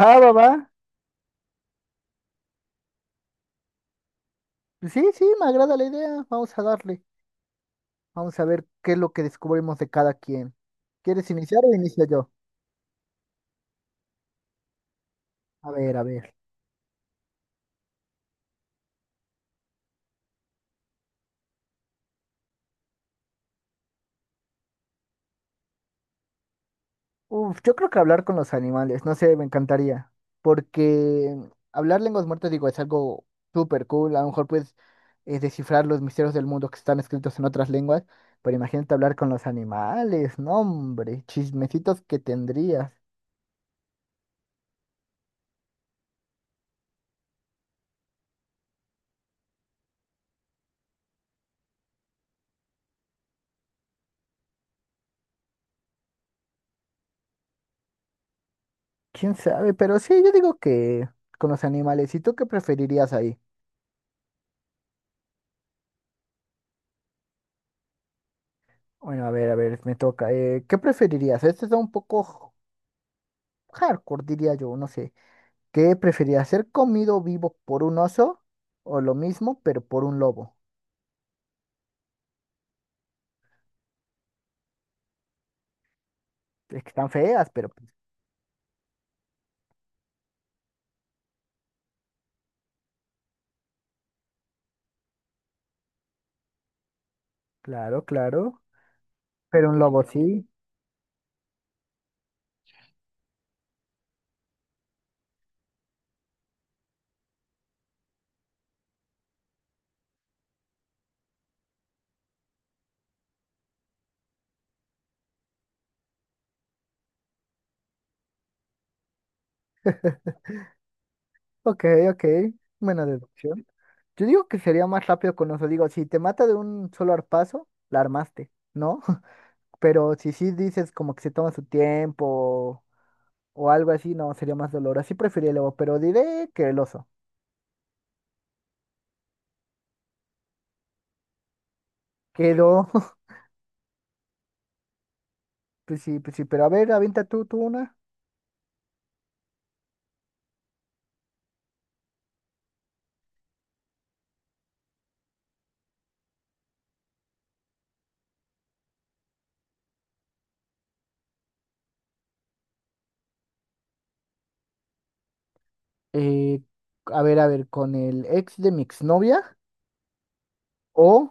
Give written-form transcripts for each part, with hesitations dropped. Va, va, va. Sí, sí, me agrada la idea. Vamos a darle. Vamos a ver qué es lo que descubrimos de cada quien. ¿Quieres iniciar o inicio yo? A ver, a ver. Uf, yo creo que hablar con los animales, no sé, me encantaría. Porque hablar lenguas muertas, digo, es algo súper cool. A lo mejor puedes descifrar los misterios del mundo que están escritos en otras lenguas. Pero imagínate hablar con los animales, no, hombre, chismecitos que tendrías. ¿Quién sabe? Pero sí, yo digo que con los animales. ¿Y tú qué preferirías ahí? Bueno, a ver, me toca. ¿Qué preferirías? Este está un poco hardcore, diría yo, no sé. ¿Qué preferirías? ¿Ser comido vivo por un oso o lo mismo, pero por un lobo? Es que están feas, pero pues, claro, claro. Pero un lobo sí. Ok, ok. Buena deducción. Yo digo que sería más rápido con oso. Digo, si te mata de un solo arpazo, la armaste, ¿no? Pero si sí dices como que se toma su tiempo o algo así, no, sería más dolor. Así preferiría el lobo, pero diré que el oso. Quedó, pues sí, pero a ver, avienta tú una. Eh, a ver, a ver, con el ex de mi exnovia o,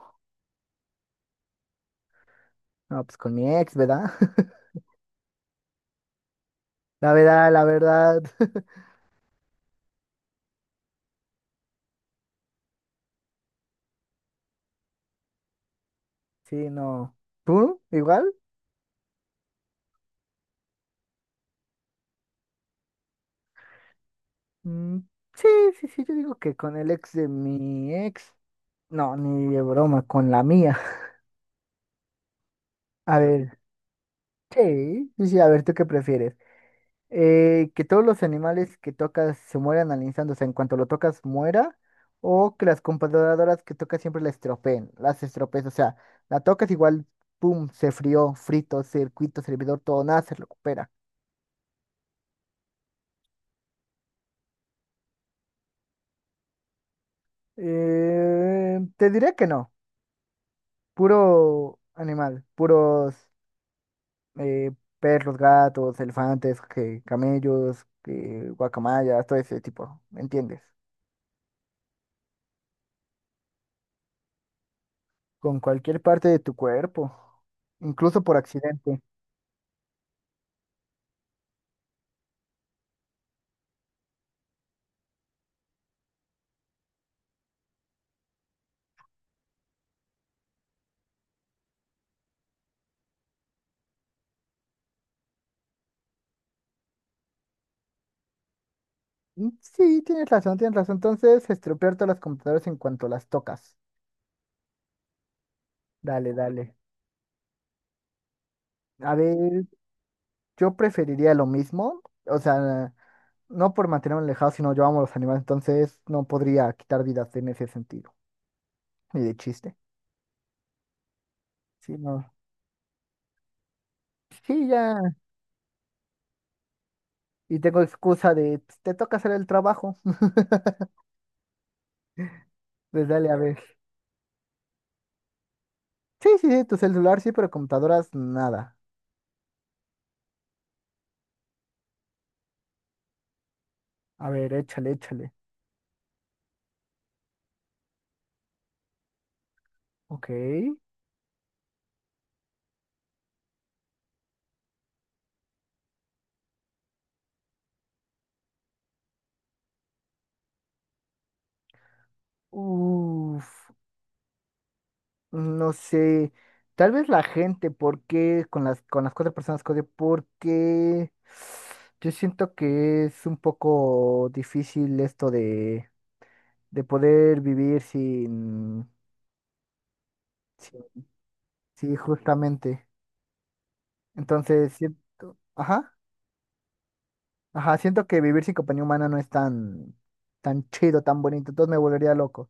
no, pues con mi ex, ¿verdad? La verdad, sí, no. ¿Tú? ¿Igual? Mm, sí, sí, sí, yo digo que con el ex de mi ex, no, ni de broma, con la mía. A ver, sí, sí, sí, a ver, ¿tú qué prefieres? Que todos los animales que tocas se mueran al instante, o sea, en cuanto lo tocas muera, o que las computadoras que tocas siempre la estropeen, las estropees, o sea, la tocas igual, pum, se frió, frito, circuito, servidor, todo, nada se recupera. Te diré que no, puro animal, puros eh, perros, gatos, elefantes, que, camellos, que, guacamayas, todo ese tipo, ¿me entiendes? Con cualquier parte de tu cuerpo, incluso por accidente. Sí, tienes razón, tienes razón. Entonces, estropear todas las computadoras en cuanto las tocas. Dale, dale. A ver, yo preferiría lo mismo. O sea, no por mantenerme alejado, sino yo amo a los animales. Entonces, no podría quitar vidas en ese sentido. Ni de chiste. Sí, no. Sí, ya. Y tengo excusa de, "Pues, te toca hacer el trabajo". Pues dale, a ver. Sí, sí, sí, tu celular sí, pero computadoras, nada. A ver, échale, échale. Ok. Uf. No sé, tal vez la gente, porque con las cuatro personas que odio, porque yo siento que es un poco difícil esto de poder vivir sin sí, justamente. Entonces, siento, ajá, ajá, siento que vivir sin compañía humana no es tan chido, tan bonito, entonces me volvería loco.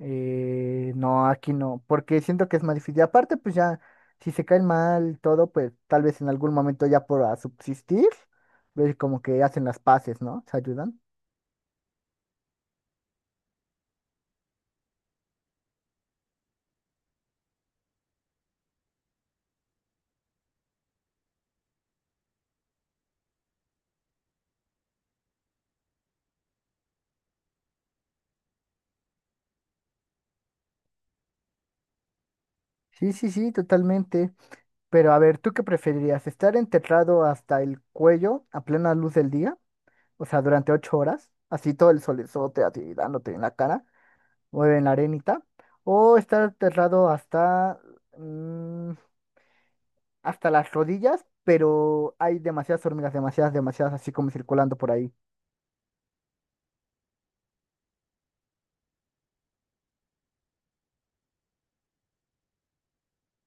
No, aquí no, porque siento que es más difícil. Y aparte, pues ya, si se caen mal y todo, pues tal vez en algún momento ya por a subsistir, ves como que hacen las paces, ¿no? Se ayudan. Sí, sí, sí, totalmente. Pero a ver, ¿tú qué preferirías? ¿Estar enterrado hasta el cuello a plena luz del día? O sea, durante 8 horas, así todo el solezote a ti dándote en la cara o en la arenita. ¿O estar enterrado hasta mm, hasta las rodillas, pero hay demasiadas hormigas, demasiadas, demasiadas, así como circulando por ahí?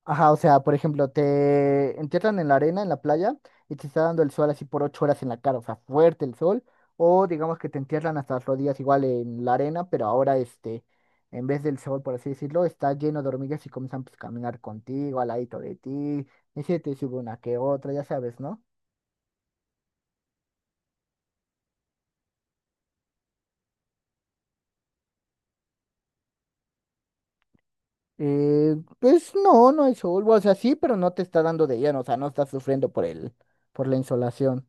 Ajá, o sea, por ejemplo, te entierran en la arena, en la playa, y te está dando el sol así por 8 horas en la cara, o sea, fuerte el sol, o digamos que te entierran hasta las rodillas igual en la arena, pero ahora este, en vez del sol, por así decirlo, está lleno de hormigas y comienzan pues, a caminar contigo, al ladito de ti, y se te sube una que otra, ya sabes, ¿no? Pues no, no hay sol, o sea, sí, pero no te está dando de lleno, o sea, no estás sufriendo por el, por la insolación.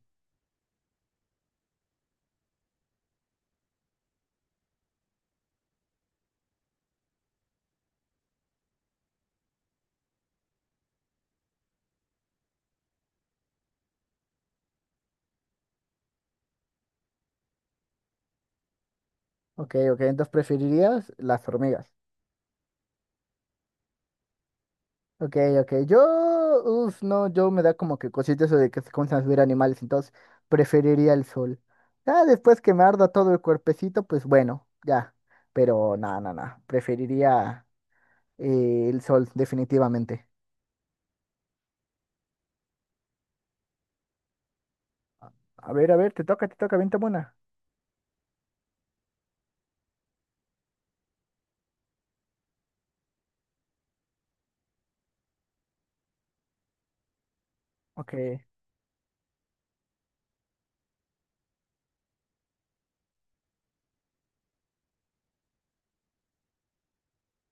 Ok, ok, entonces preferirías las hormigas. Ok, ok, yo, uff, no, yo me da como que cosita eso de que se comienzan a subir animales, entonces preferiría el sol. Ya después que me arda todo el cuerpecito, pues bueno, ya, pero nada, nada, nada, preferiría el sol, definitivamente. A ver, te toca, vente buena. Ok.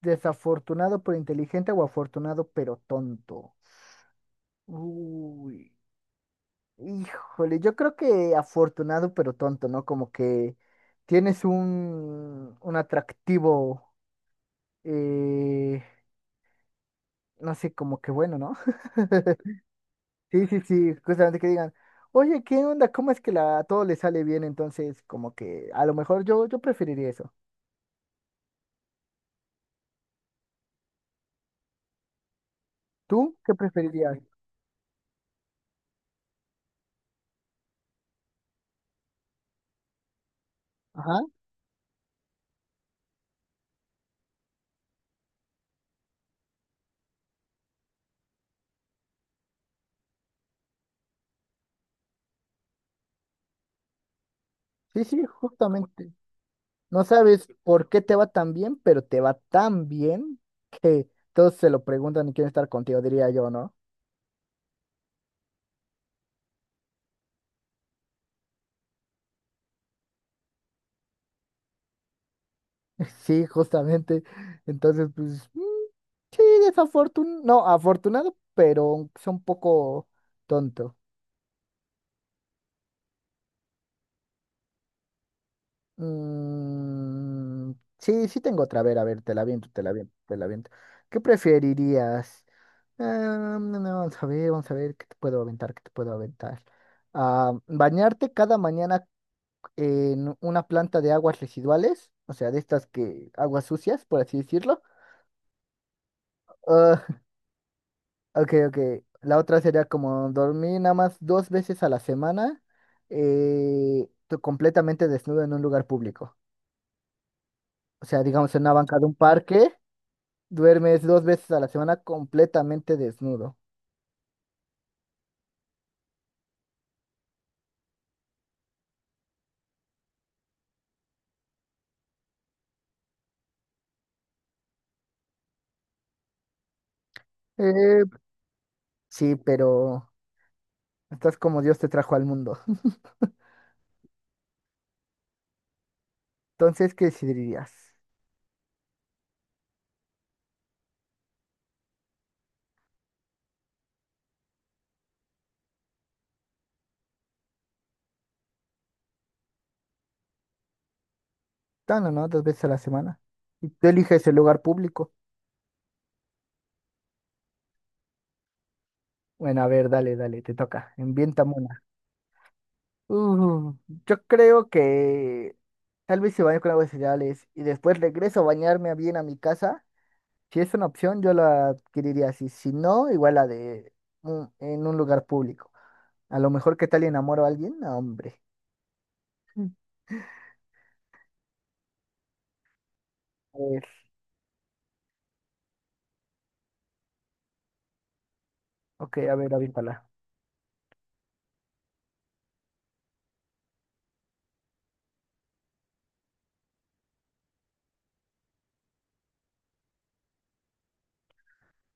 Desafortunado pero inteligente o afortunado pero tonto. Uy, híjole, yo creo que afortunado pero tonto, ¿no? Como que tienes un atractivo, eh, no sé, como que bueno, ¿no? Sí, sí, sí, justamente que digan, oye, ¿qué onda? ¿Cómo es que a todo le sale bien? Entonces, como que a lo mejor yo preferiría eso. ¿Tú qué preferirías? Ajá, sí, sí, justamente. No sabes por qué te va tan bien, pero te va tan bien que todos se lo preguntan y quieren estar contigo, diría yo, ¿no? Sí, justamente. Entonces, pues, sí, desafortunado, no, afortunado, pero es un poco tonto. Mm, sí, sí tengo otra, a ver, te la viento, te la viento, te la viento. ¿Qué preferirías? Ah, no, no, vamos a ver, ¿qué te puedo aventar? ¿Qué te puedo aventar? Ah, ¿bañarte cada mañana en una planta de aguas residuales, o sea, de estas que aguas sucias, por así decirlo? Ah, ok, ok. La otra sería como dormir nada más dos veces a la semana, tú completamente desnudo en un lugar público. O sea, digamos en una banca de un parque, duermes dos veces a la semana completamente desnudo. Eh, sí, pero estás como Dios te trajo al mundo. Entonces, ¿qué decidirías? Tan o no, dos veces a la semana. Y tú eliges el lugar público. Bueno, a ver, dale, dale, te toca. Envienta mona. Uh, yo creo que tal vez se baño con aguas cereales y después regreso a bañarme bien a mi casa. Si es una opción, yo la adquiriría así. Si no, igual la de en un lugar público. A lo mejor, ¿qué tal enamoro a alguien? No, hombre. Mm. A ver, ok, a ver, avíntala.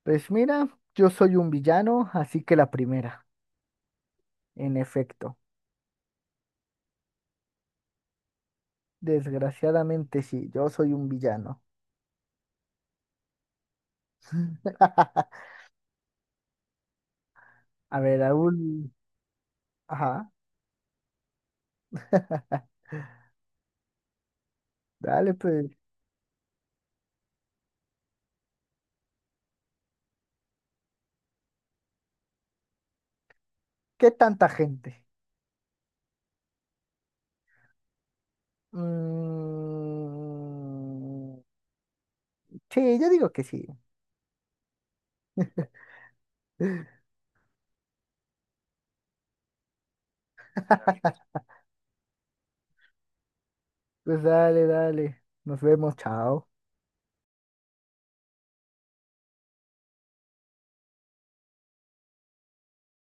Pues mira, yo soy un villano, así que la primera, en efecto. Desgraciadamente sí, yo soy un villano. A ver, Raúl. Ajá, dale, pues. ¿Qué tanta gente? Mm, sí, yo digo que sí. Pues dale, dale. Nos vemos, chao.